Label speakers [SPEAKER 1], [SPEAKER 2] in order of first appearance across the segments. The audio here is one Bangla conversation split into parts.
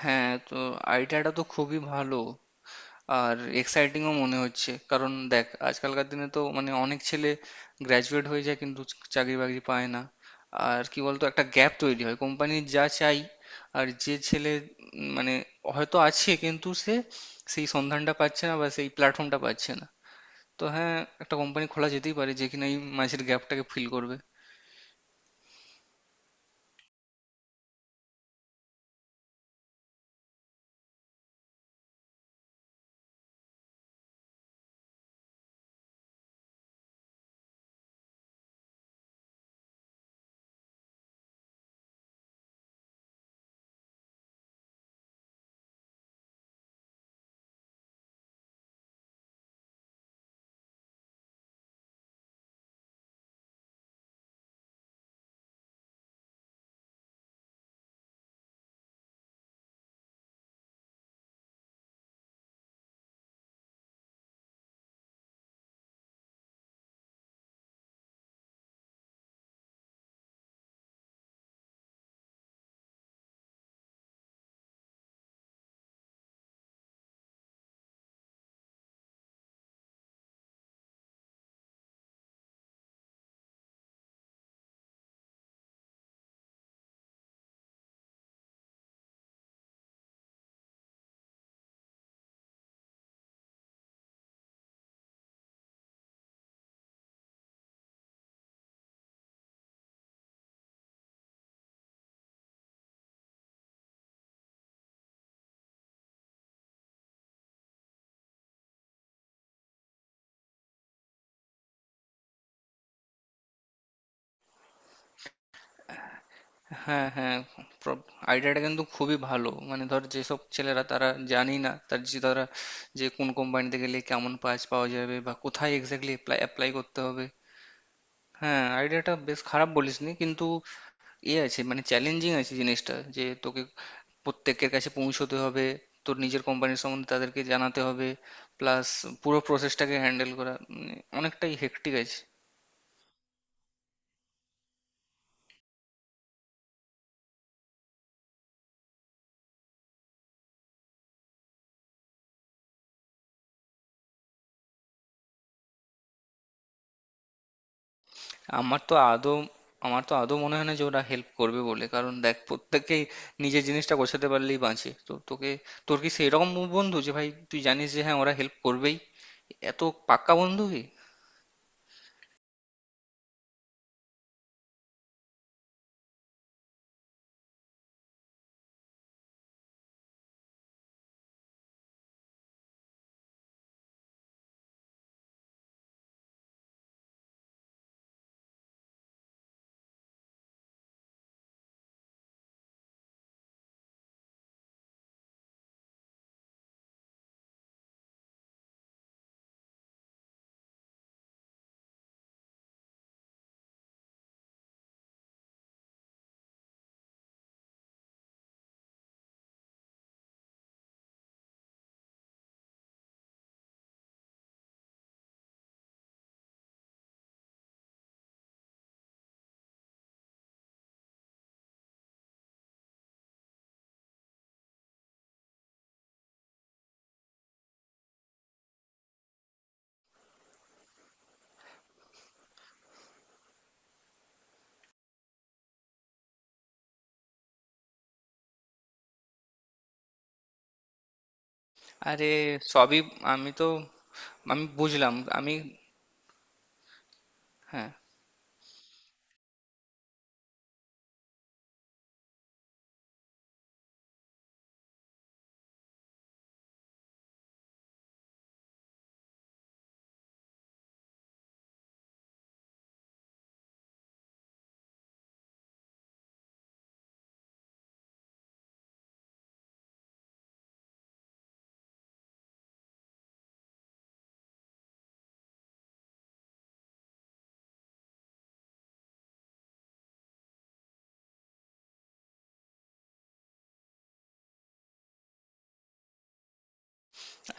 [SPEAKER 1] হ্যাঁ, তো আইডিয়াটা তো খুবই ভালো আর এক্সাইটিংও মনে হচ্ছে। কারণ দেখ, আজকালকার দিনে তো মানে অনেক ছেলে গ্র্যাজুয়েট হয়ে যায় কিন্তু চাকরি বাকরি পায় না। আর কি বলতো, একটা গ্যাপ তৈরি হয় কোম্পানির যা চাই আর যে ছেলে মানে হয়তো আছে কিন্তু সে সেই সন্ধানটা পাচ্ছে না বা সেই প্ল্যাটফর্মটা পাচ্ছে না। তো হ্যাঁ, একটা কোম্পানি খোলা যেতেই পারে যে কিনা এই মাঝের গ্যাপটাকে ফিল করবে। হ্যাঁ হ্যাঁ, আইডিয়াটা কিন্তু খুবই ভালো। মানে ধর, যেসব ছেলেরা তারা জানি না তারা যে কোন কোম্পানিতে গেলে কেমন কাজ পাওয়া যাবে বা কোথায় এক্স্যাক্টলি অ্যাপ্লাই অ্যাপ্লাই করতে হবে। হ্যাঁ, আইডিয়াটা বেশ খারাপ বলিসনি কিন্তু এ আছে মানে চ্যালেঞ্জিং আছে জিনিসটা, যে তোকে প্রত্যেকের কাছে পৌঁছতে হবে, তোর নিজের কোম্পানির সম্বন্ধে তাদেরকে জানাতে হবে, প্লাস পুরো প্রসেসটাকে হ্যান্ডেল করা মানে অনেকটাই হেক্টিক আছে। আমার তো আদৌ আমার তো আদৌ মনে হয় না যে ওরা হেল্প করবে বলে। কারণ দেখ, প্রত্যেকেই নিজের জিনিসটা গোছাতে পারলেই বাঁচে। তো তোকে, তোর কি সেই রকম বন্ধু যে ভাই তুই জানিস যে হ্যাঁ ওরা হেল্প করবেই? এত পাক্কা বন্ধু কি? আরে সবই আমি তো আমি বুঝলাম আমি। হ্যাঁ,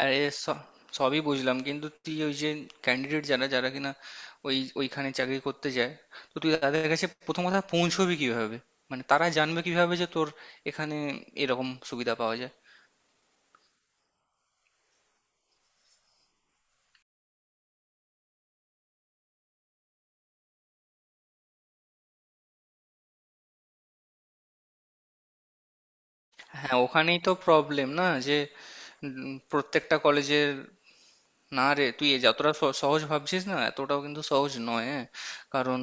[SPEAKER 1] আরে স- সবই বুঝলাম, কিন্তু তুই ওই যে ক্যান্ডিডেট যারা যারা কিনা ওই ওইখানে চাকরি করতে যায়, তো তুই তাদের কাছে প্রথম কথা পৌঁছবি কিভাবে? মানে তারা জানবে কিভাবে যে তোর এখানে এরকম সুবিধা পাওয়া যায়? হ্যাঁ, ওখানেই তো প্রবলেম না যে প্রত্যেকটা কলেজের। না রে, তুই এ যতটা সহজ ভাবছিস না, এতটাও কিন্তু সহজ নয়। হ্যাঁ কারণ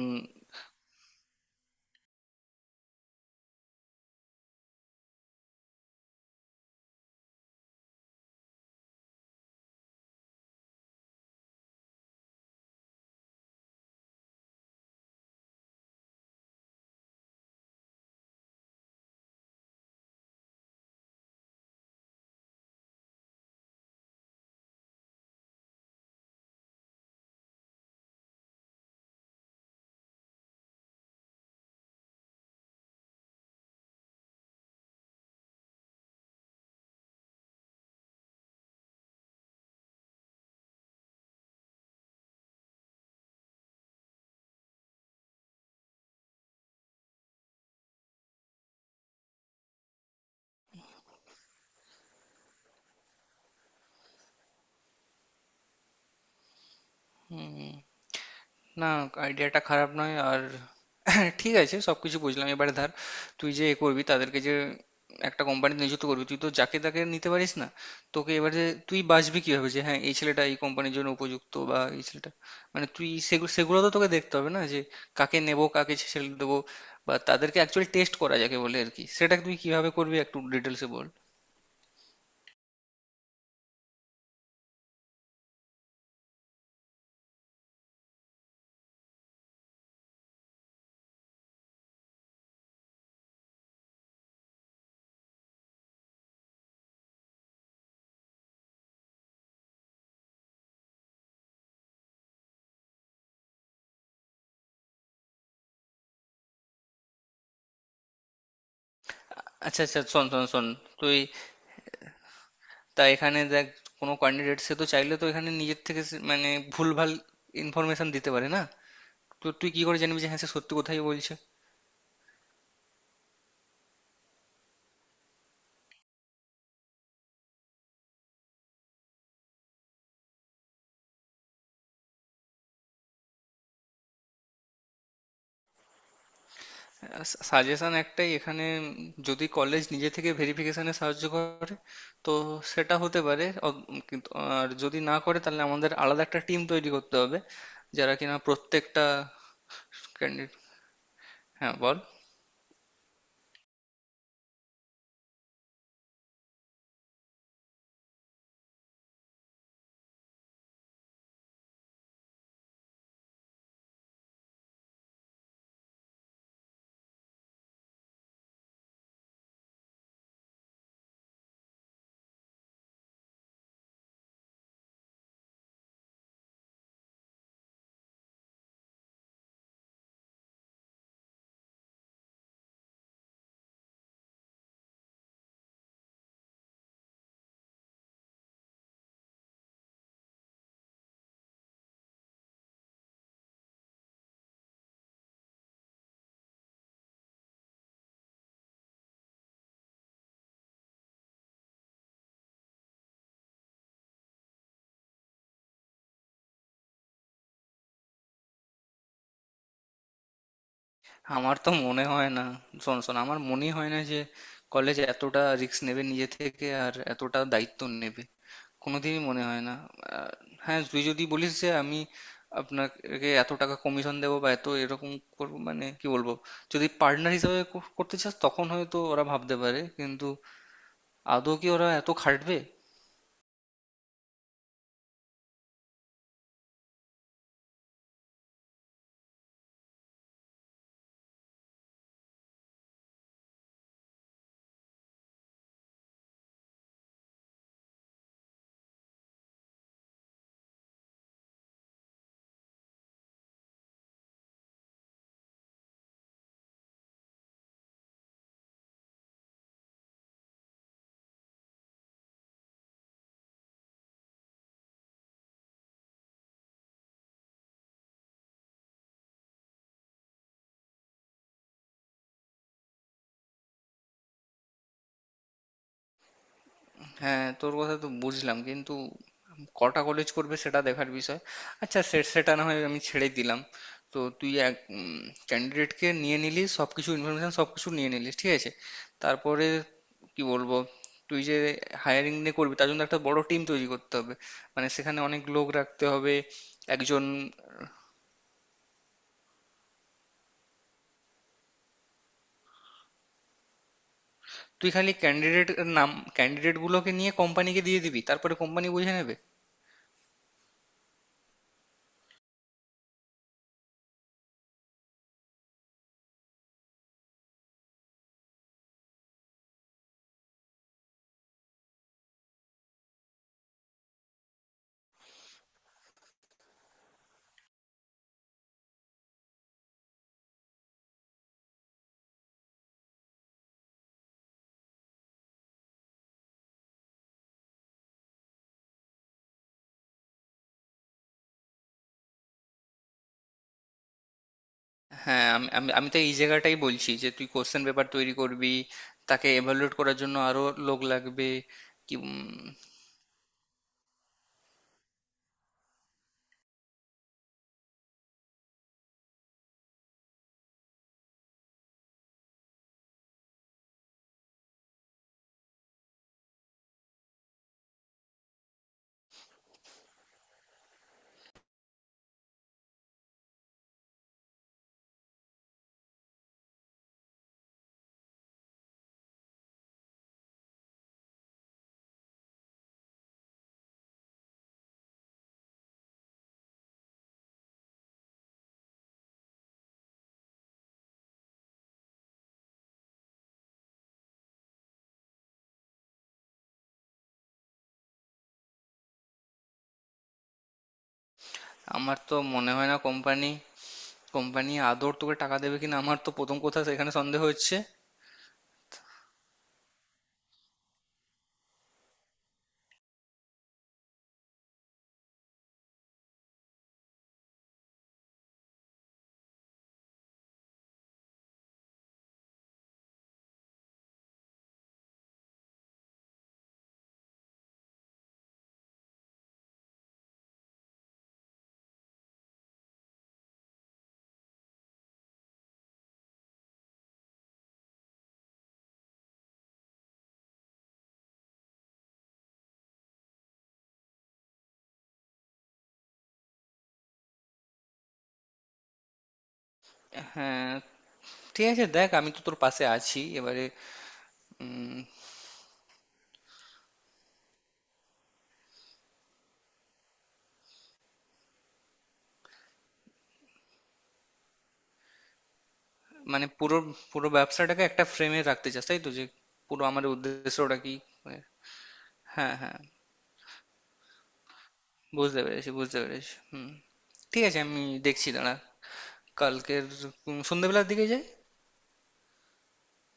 [SPEAKER 1] উম, না, আইডিয়াটা খারাপ নয় আর ঠিক আছে, সবকিছু বুঝলাম। এবারে ধর, তুই যে এ করবি, তাদেরকে যে একটা কোম্পানিতে নিযুক্ত করবি, তুই তো যাকে তাকে নিতে পারিস না। তোকে এবারে তুই বাছবি কিভাবে যে হ্যাঁ এই ছেলেটা এই কোম্পানির জন্য উপযুক্ত বা এই ছেলেটা মানে তুই সেগুলো সেগুলো তো তোকে দেখতে হবে না যে কাকে নেব কাকে ছেড়ে দেবো, বা তাদেরকে অ্যাকচুয়ালি টেস্ট করা যাকে বলে আর কি, সেটা তুই কিভাবে করবি একটু ডিটেলসে বল। আচ্ছা আচ্ছা, শোন শোন শোন তুই। তা এখানে দেখ, কোনো ক্যান্ডিডেট সে তো চাইলে তো এখানে নিজের থেকে মানে ভুলভাল ইনফরমেশন দিতে পারে না? তো তুই কি করে জানবি যে হ্যাঁ সে সত্যি কোথায় বলছে? সাজেশন একটাই এখানে, যদি কলেজ নিজে থেকে ভেরিফিকেশনে সাহায্য করে তো সেটা হতে পারে কিন্তু আর যদি না করে তাহলে আমাদের আলাদা একটা টিম তৈরি করতে হবে যারা কিনা প্রত্যেকটা ক্যান্ডিডেট। হ্যাঁ বল। আমার তো মনে হয় না। শোন শোন আমার মনে হয় না যে কলেজ এতটা রিস্ক নেবে নিজে থেকে আর এতটা দায়িত্ব নেবে, কোনোদিনই মনে হয় না। আহ, হ্যাঁ তুই যদি বলিস যে আমি আপনাকে এত টাকা কমিশন দেবো বা এত এরকম করবো মানে কি বলবো, যদি পার্টনার হিসেবে করতে চাস তখন হয়তো ওরা ভাবতে পারে, কিন্তু আদৌ কি ওরা এত খাটবে? হ্যাঁ, তোর কথা তো বুঝলাম কিন্তু কটা কলেজ করবে সেটা দেখার বিষয়। আচ্ছা, সেটা না হয় আমি ছেড়ে দিলাম। তো তুই এক ক্যান্ডিডেটকে নিয়ে নিলি, সবকিছু ইনফরমেশন সবকিছু নিয়ে নিলি, ঠিক আছে। তারপরে কি বলবো, তুই যে হায়ারিং নিয়ে করবি তার জন্য একটা বড় টিম তৈরি করতে হবে, মানে সেখানে অনেক লোক রাখতে হবে। একজন তুই খালি ক্যান্ডিডেট নাম, ক্যান্ডিডেট গুলোকে নিয়ে কোম্পানিকে দিয়ে দিবি তারপরে কোম্পানি বুঝে নেবে। হ্যাঁ, আমি আমি আমি তো এই জায়গাটাই বলছি যে তুই কোশ্চেন পেপার তৈরি করবি, তাকে এভালুয়েট করার জন্য আরো লোক লাগবে। কি আমার তো মনে হয় না কোম্পানি, কোম্পানি আদর তোকে টাকা দেবে কিনা আমার তো প্রথম কথা সেখানে সন্দেহ হচ্ছে। হ্যাঁ ঠিক আছে, দেখ আমি তো তোর পাশে আছি এবারে। উম, মানে পুরো পুরো ব্যবসাটাকে একটা ফ্রেমে রাখতে চাস তাই তো, যে পুরো আমাদের উদ্দেশ্যটা কি? হ্যাঁ হ্যাঁ, বুঝতে পেরেছি বুঝতে পেরেছি। হুম, ঠিক আছে, আমি দেখছি দাঁড়া। কালকের সন্ধ্যেবেলার দিকে যাই।